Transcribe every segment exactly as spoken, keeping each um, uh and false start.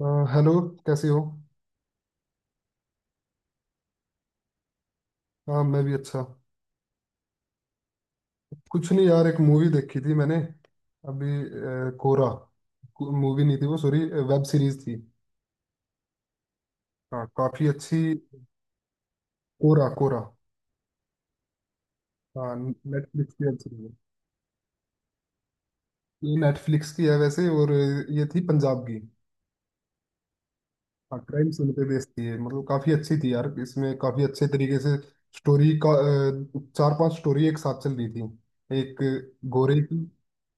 अ, hello कैसे हो। हाँ मैं भी अच्छा। कुछ नहीं यार, एक मूवी देखी थी मैंने अभी। अ, कोरा। मूवी नहीं थी वो, सॉरी, वेब सीरीज थी। हाँ काफी अच्छी। कोरा कोरा। हाँ नेटफ्लिक्स की वेब सीरीज है, ये नेटफ्लिक्स की है वैसे। और ये थी पंजाब की। हाँ क्राइम सीन पे बेस्ड थी ये, मतलब काफी अच्छी थी यार। इसमें काफी अच्छे तरीके से स्टोरी का अ, चार पांच स्टोरी एक साथ चल रही थी। एक गोरे की,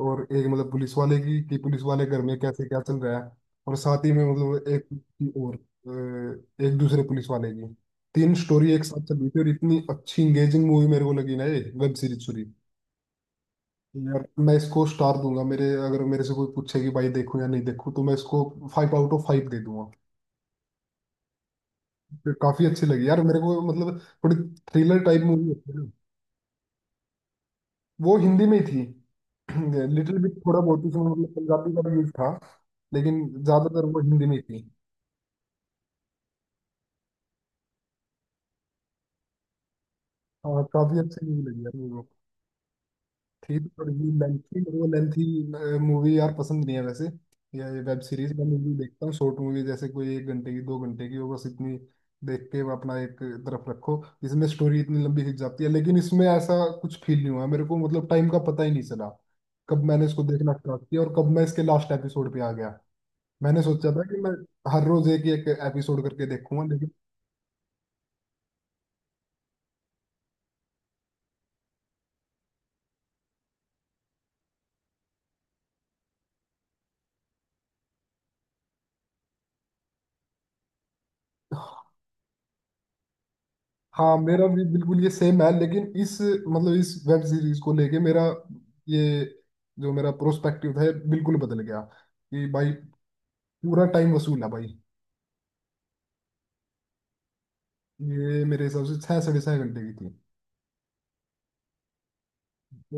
और एक मतलब पुलिस वाले की, कि पुलिस वाले घर में कैसे क्या चल रहा है। और साथ ही में मतलब एक की, और अ, एक दूसरे पुलिस वाले की। तीन स्टोरी एक साथ चल रही थी, और इतनी अच्छी इंगेजिंग मूवी मेरे को लगी ना ये, वेब सीरीज, सॉरी। यार मैं इसको स्टार दूंगा मेरे, अगर मेरे से कोई पूछे कि भाई देखूं या नहीं देखूं तो मैं इसको फाइव आउट ऑफ फाइव दे दूंगा। फिर काफी अच्छी लगी यार मेरे को, मतलब थोड़ी थ्रिलर टाइप मूवी होती है ना। वो हिंदी में ही थी। लिटिल बिट थोड़ा बहुत उसमें मतलब पंजाबी का भी यूज था, लेकिन ज्यादातर वो हिंदी में ही थी। हाँ काफी अच्छी मूवी लगी यार मेरे को। थी तो थोड़ी लेंथी, वो लेंथी मूवी यार पसंद नहीं है वैसे, या ये वेब सीरीज। मैं मूवी देखता हूँ शॉर्ट मूवी, जैसे कोई एक घंटे की, दो घंटे की, वो बस इतनी देख के वो अपना एक तरफ रखो। इसमें स्टोरी इतनी लंबी खिंच जाती है, लेकिन इसमें ऐसा कुछ फील नहीं हुआ मेरे को, मतलब टाइम का पता ही नहीं चला कब मैंने इसको देखना स्टार्ट किया और कब मैं इसके लास्ट एपिसोड पे आ गया। मैंने सोचा था कि मैं हर रोज एक एक एपिसोड करके देखूंगा। हाँ मेरा भी बिल्कुल ये सेम है, लेकिन इस, मतलब इस वेब सीरीज को लेके मेरा ये, जो मेरा प्रोस्पेक्टिव है बिल्कुल बदल गया कि भाई पूरा टाइम वसूल है भाई। ये मेरे हिसाब से छः साढ़े छः घंटे की थी,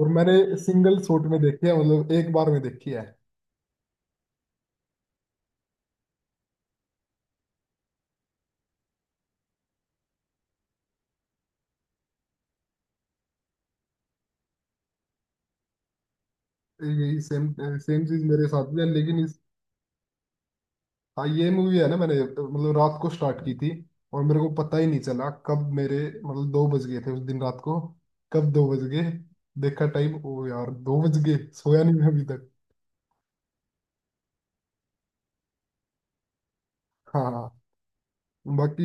और मैंने सिंगल शॉट में देखी है, मतलब एक बार में देखी है। यही सेम, सेम चीज मेरे साथ भी है लेकिन इस, हाँ ये मूवी है ना, मैंने मतलब रात को स्टार्ट की थी और मेरे को पता ही नहीं चला कब मेरे, मतलब दो बज गए थे उस दिन रात को। कब दो बज गए, देखा टाइम, ओ यार दो बज गए, सोया नहीं मैं अभी तक। हाँ हाँ। बाकी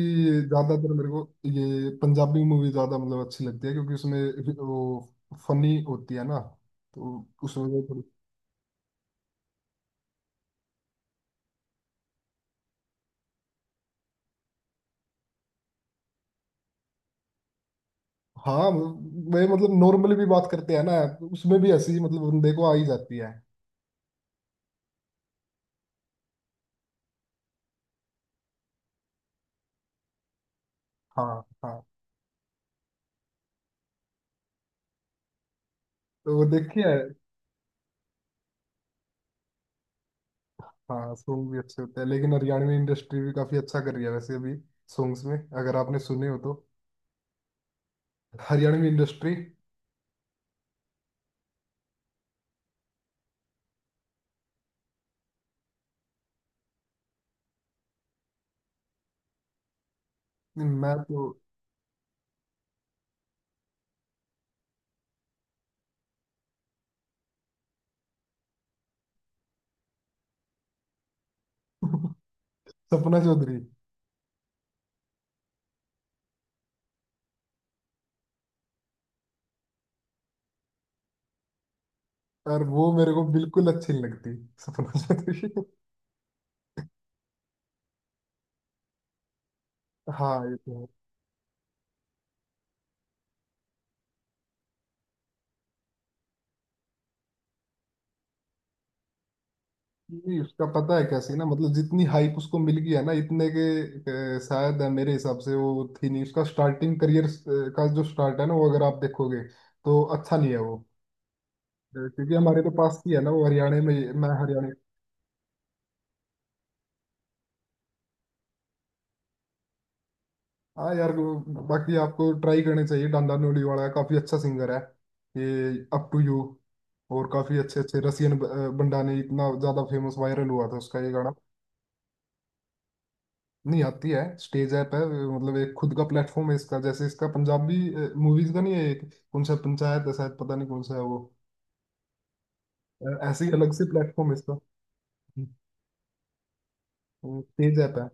ज्यादातर मेरे को ये पंजाबी मूवी ज्यादा मतलब अच्छी लगती है, क्योंकि उसमें वो फनी होती है ना, तो उस वजह से थोड़ी- हाँ वे मतलब नॉर्मली भी बात करते हैं ना, उसमें भी हंसी मतलब बंदे को आ ही जाती है। हाँ हाँ, तो वो देखिए। हाँ सॉन्ग भी अच्छे होते हैं, लेकिन हरियाणवी इंडस्ट्री भी काफी अच्छा कर रही है वैसे अभी सॉन्ग्स में, अगर आपने सुने हो तो। हरियाणवी इंडस्ट्री। मैं तो सपना चौधरी, और वो मेरे को बिल्कुल अच्छी नहीं लगती, सपना चौधरी। हाँ ये तो है। नहीं, उसका पता है क्या सीन है, मतलब जितनी हाइप उसको मिल गई है ना, इतने के अ, शायद अ, मेरे हिसाब से वो थी नहीं। उसका स्टार्टिंग करियर का जो स्टार्ट है ना, वो अगर आप देखोगे तो अच्छा नहीं है वो अ, क्योंकि हमारे तो पास की है ना वो, हरियाणा में। मैं हरियाणा, हाँ यार वो- बाकी आपको ट्राई करने चाहिए, डांडा न्यूली वाला काफी अच्छा सिंगर है ये, अप टू यू। और काफी अच्छे अच्छे रसियन ब- अ, बंडा ने इतना ज्यादा फेमस वायरल हुआ था उसका ये गाना। नहीं आती है, स्टेज ऐप है, मतलब एक खुद का प्लेटफॉर्म है इसका, जैसे इसका पंजाबी मूवीज का नहीं है एक, कौन सा पंचायत है शायद, पता नहीं कौन सा है वो। अ, ऐसे ही अलग से प्लेटफॉर्म है इसका, स्टेज ऐप है।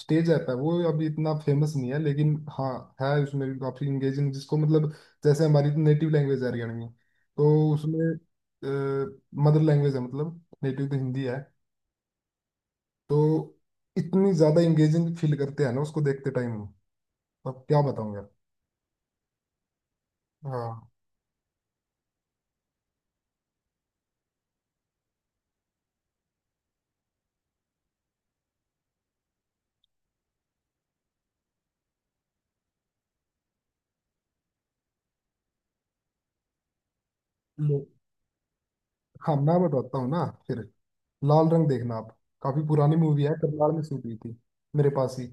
स्टेज ऐप है वो, अभी इतना फेमस नहीं है लेकिन हाँ है, उसमें भी काफी इंगेजिंग जिसको, मतलब जैसे हमारी नेटिव लैंग्वेज है हरियाणवी, तो उसमें मदर लैंग्वेज है, मतलब नेटिव तो हिंदी है। तो इतनी ज्यादा इंगेजिंग फील करते हैं ना उसको देखते टाइम। अब क्या बताऊं यार। हाँ लो- हाँ मैं बताता हूँ ना फिर, लाल रंग देखना आप, काफी पुरानी मूवी है, करनाल में शूट हुई थी, मेरे पास ही।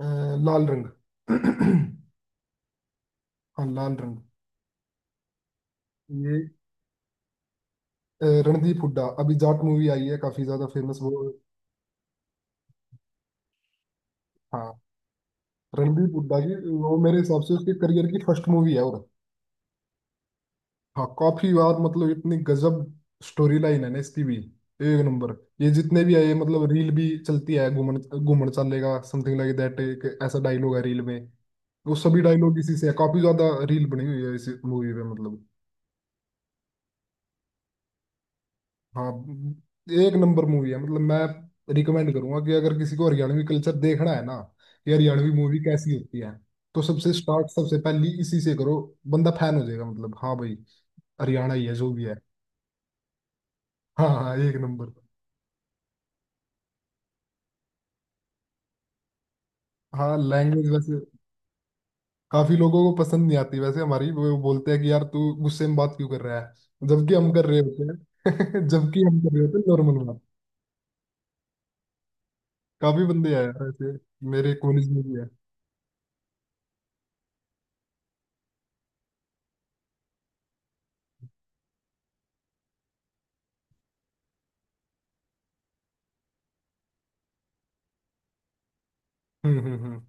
अ, लाल रंग। हाँ लाल रंग। अ, रणदीप हुड्डा, अभी जाट मूवी आई है काफी ज्यादा फेमस वो। हाँ रणदीप हुड्डा की, वो मेरे हिसाब से उसके करियर की फर्स्ट मूवी है। और हाँ काफी बार, मतलब इतनी गजब स्टोरी लाइन है ना इसकी भी, एक नंबर। ये जितने भी आए मतलब रील भी चलती है, घूमन घूमन चलेगा समथिंग लाइक दैट, एक ऐसा डायलॉग है रील में, वो सभी डायलॉग इसी से है, काफी ज्यादा रील बनी हुई है इस मूवी में मतलब। हाँ एक नंबर मूवी है, मतलब मैं रिकमेंड करूंगा कि अगर किसी को हरियाणवी कल्चर देखना है ना, कि हरियाणवी मूवी कैसी होती है, तो सबसे स्टार्ट सबसे पहली इसी से करो। बंदा फैन हो जाएगा मतलब, हाँ भाई हरियाणा ही है जो भी है। हाँ हाँ एक नंबर। हाँ लैंग्वेज वैसे काफी लोगों को पसंद नहीं आती वैसे हमारी, वो बोलते हैं कि यार तू गुस्से में बात क्यों कर रहा है, जबकि हम कर रहे होते हैं जबकि हम कर रहे होते हैं नॉर्मल बात। काफी बंदे आए हैं ऐसे, मेरे कॉलेज में भी है। हम्म हम्म हम्म।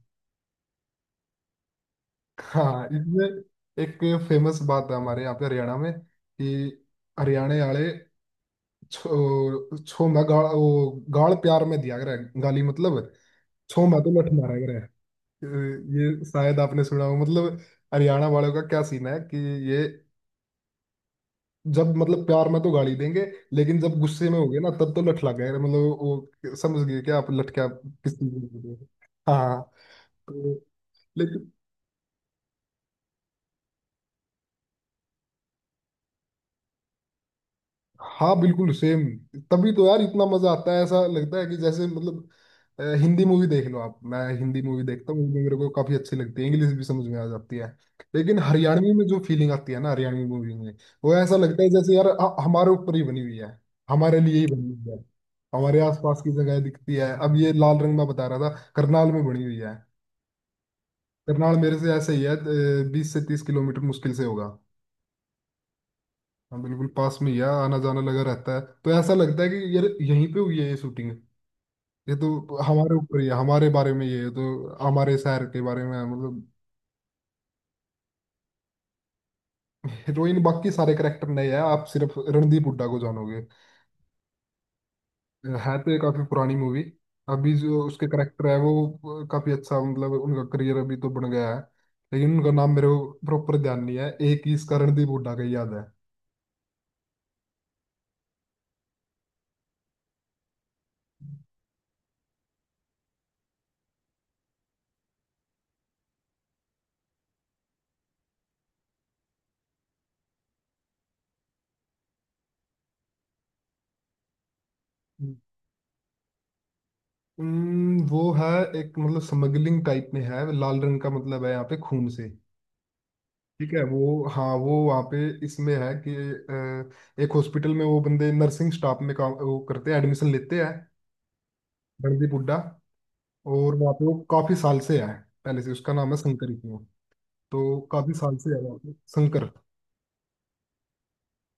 हाँ इसमें एक फेमस बात है हमारे यहाँ पे हरियाणा में कि हरियाणा वाले छो छो मैं गाल, वो गाल प्यार में दिया करे, गाली मतलब, छो मैं तो लठ मारा करे। ये शायद आपने सुना हो मतलब, हरियाणा वालों का क्या सीन है कि ये जब मतलब प्यार में तो गाली देंगे, लेकिन जब गुस्से में हो गए ना, तब तो लठ लग गए, मतलब वो समझ गए कि आप लठ क्या किस चीज में बोल रहे हो। हाँ, तो हाँ बिल्कुल सेम, तभी तो यार इतना मजा आता है, ऐसा लगता है कि जैसे मतलब अ, हिंदी मूवी देख लो आप, मैं हिंदी मूवी देखता हूँ वो भी मेरे को काफी अच्छी लगती है, इंग्लिश भी समझ में आ जाती है, लेकिन हरियाणवी में जो फीलिंग आती है ना हरियाणवी मूवी में, वो ऐसा लगता है जैसे यार ह- हमारे ऊपर ही बनी हुई है, हमारे लिए ही बनी हुई है, हमारे आसपास की जगह दिखती है। अब ये लाल रंग में बता रहा था, करनाल में बनी हुई है, करनाल मेरे से ऐसे ही है, बीस से तीस किलोमीटर मुश्किल से होगा। हाँ बिल्कुल पास में ही है, आना जाना लगा रहता है, तो ऐसा लगता है कि यार यहीं पे हुई है ये शूटिंग, ये तो हमारे ऊपर ही है, हमारे बारे में ये है, तो हमारे शहर के बारे में है, मतलब। हीरोइन बाकी सारे करेक्टर नए हैं, आप सिर्फ रणदीप हुड्डा को जानोगे, है तो ये काफी पुरानी मूवी। अभी जो उसके करेक्टर है वो काफी अच्छा, मतलब उनका करियर अभी तो बन गया है, लेकिन उनका नाम मेरे को प्रॉपर ध्यान नहीं है, एक ही इसका रणदीप हुड्डा का ही याद है। हम्म, वो है एक मतलब स्मगलिंग टाइप में है, लाल रंग का मतलब है यहाँ पे खून से, ठीक है वो। हाँ वो वहाँ पे, इसमें है कि अ, एक हॉस्पिटल में वो बंदे नर्सिंग स्टाफ में काम वो करते हैं, एडमिशन लेते हैं, रणदीप हुड्डा। और वहाँ पे वो काफी साल से है, पहले से, उसका नाम है शंकर ही वो, तो काफी साल से है वहाँ पे शंकर।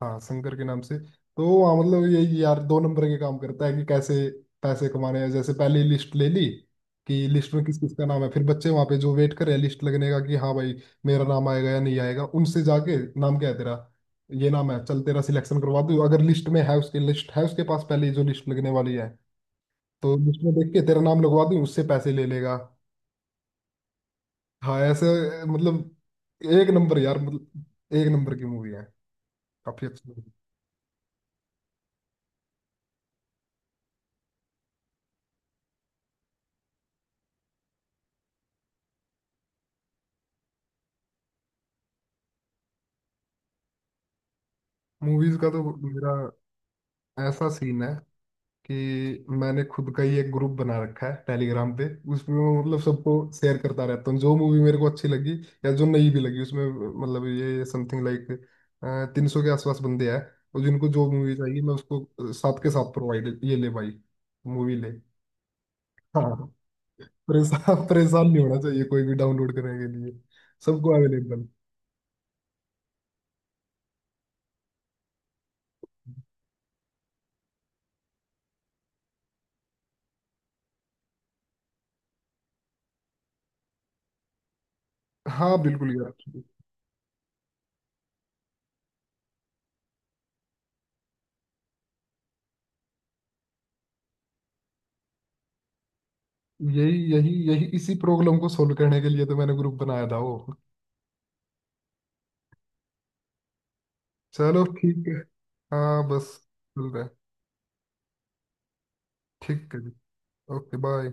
हाँ शंकर के नाम से। तो वो हाँ मतलब यही यार दो नंबर के काम करता है कि कैसे पैसे कमाने हैं, जैसे पहले लिस्ट ले ली कि लिस्ट में किस किस का नाम है, फिर बच्चे वहां पे जो वेट कर रहे हैं लिस्ट लगने का कि हाँ भाई मेरा नाम आएगा या नहीं आएगा, उनसे जाके नाम क्या है तेरा, ये नाम है, चल तेरा सिलेक्शन करवा दूँ, अगर लिस्ट में है, उसकी लिस्ट है उसके पास पहले ही जो लिस्ट लगने वाली है, तो लिस्ट में देख के तेरा नाम लगवा दूँ, उससे पैसे ले लेगा। हाँ ऐसे, मतलब एक नंबर यार, मतलब एक नंबर की मूवी है काफी अच्छी। मूवीज का तो मेरा ऐसा सीन है कि मैंने खुद का ही एक ग्रुप बना रखा है टेलीग्राम पे, उसमें मैं मतलब सबको शेयर करता रहता हूँ जो मूवी मेरे को अच्छी लगी या जो नहीं भी लगी उसमें, मतलब ये समथिंग लाइक तीन सौ के आसपास बंदे हैं, और जिनको जो मूवी चाहिए मैं उसको साथ के साथ प्रोवाइड, ये ले भाई मूवी ले। हाँ परेशान परेशान नहीं होना चाहिए कोई भी डाउनलोड करने के लिए, सबको अवेलेबल। हाँ बिल्कुल यार। यही यही यही इसी प्रॉब्लम को सोल्व करने के लिए तो मैंने ग्रुप बनाया था वो। चलो ठीक। हाँ बस चल रहा है। ठीक है जी। Okay bye.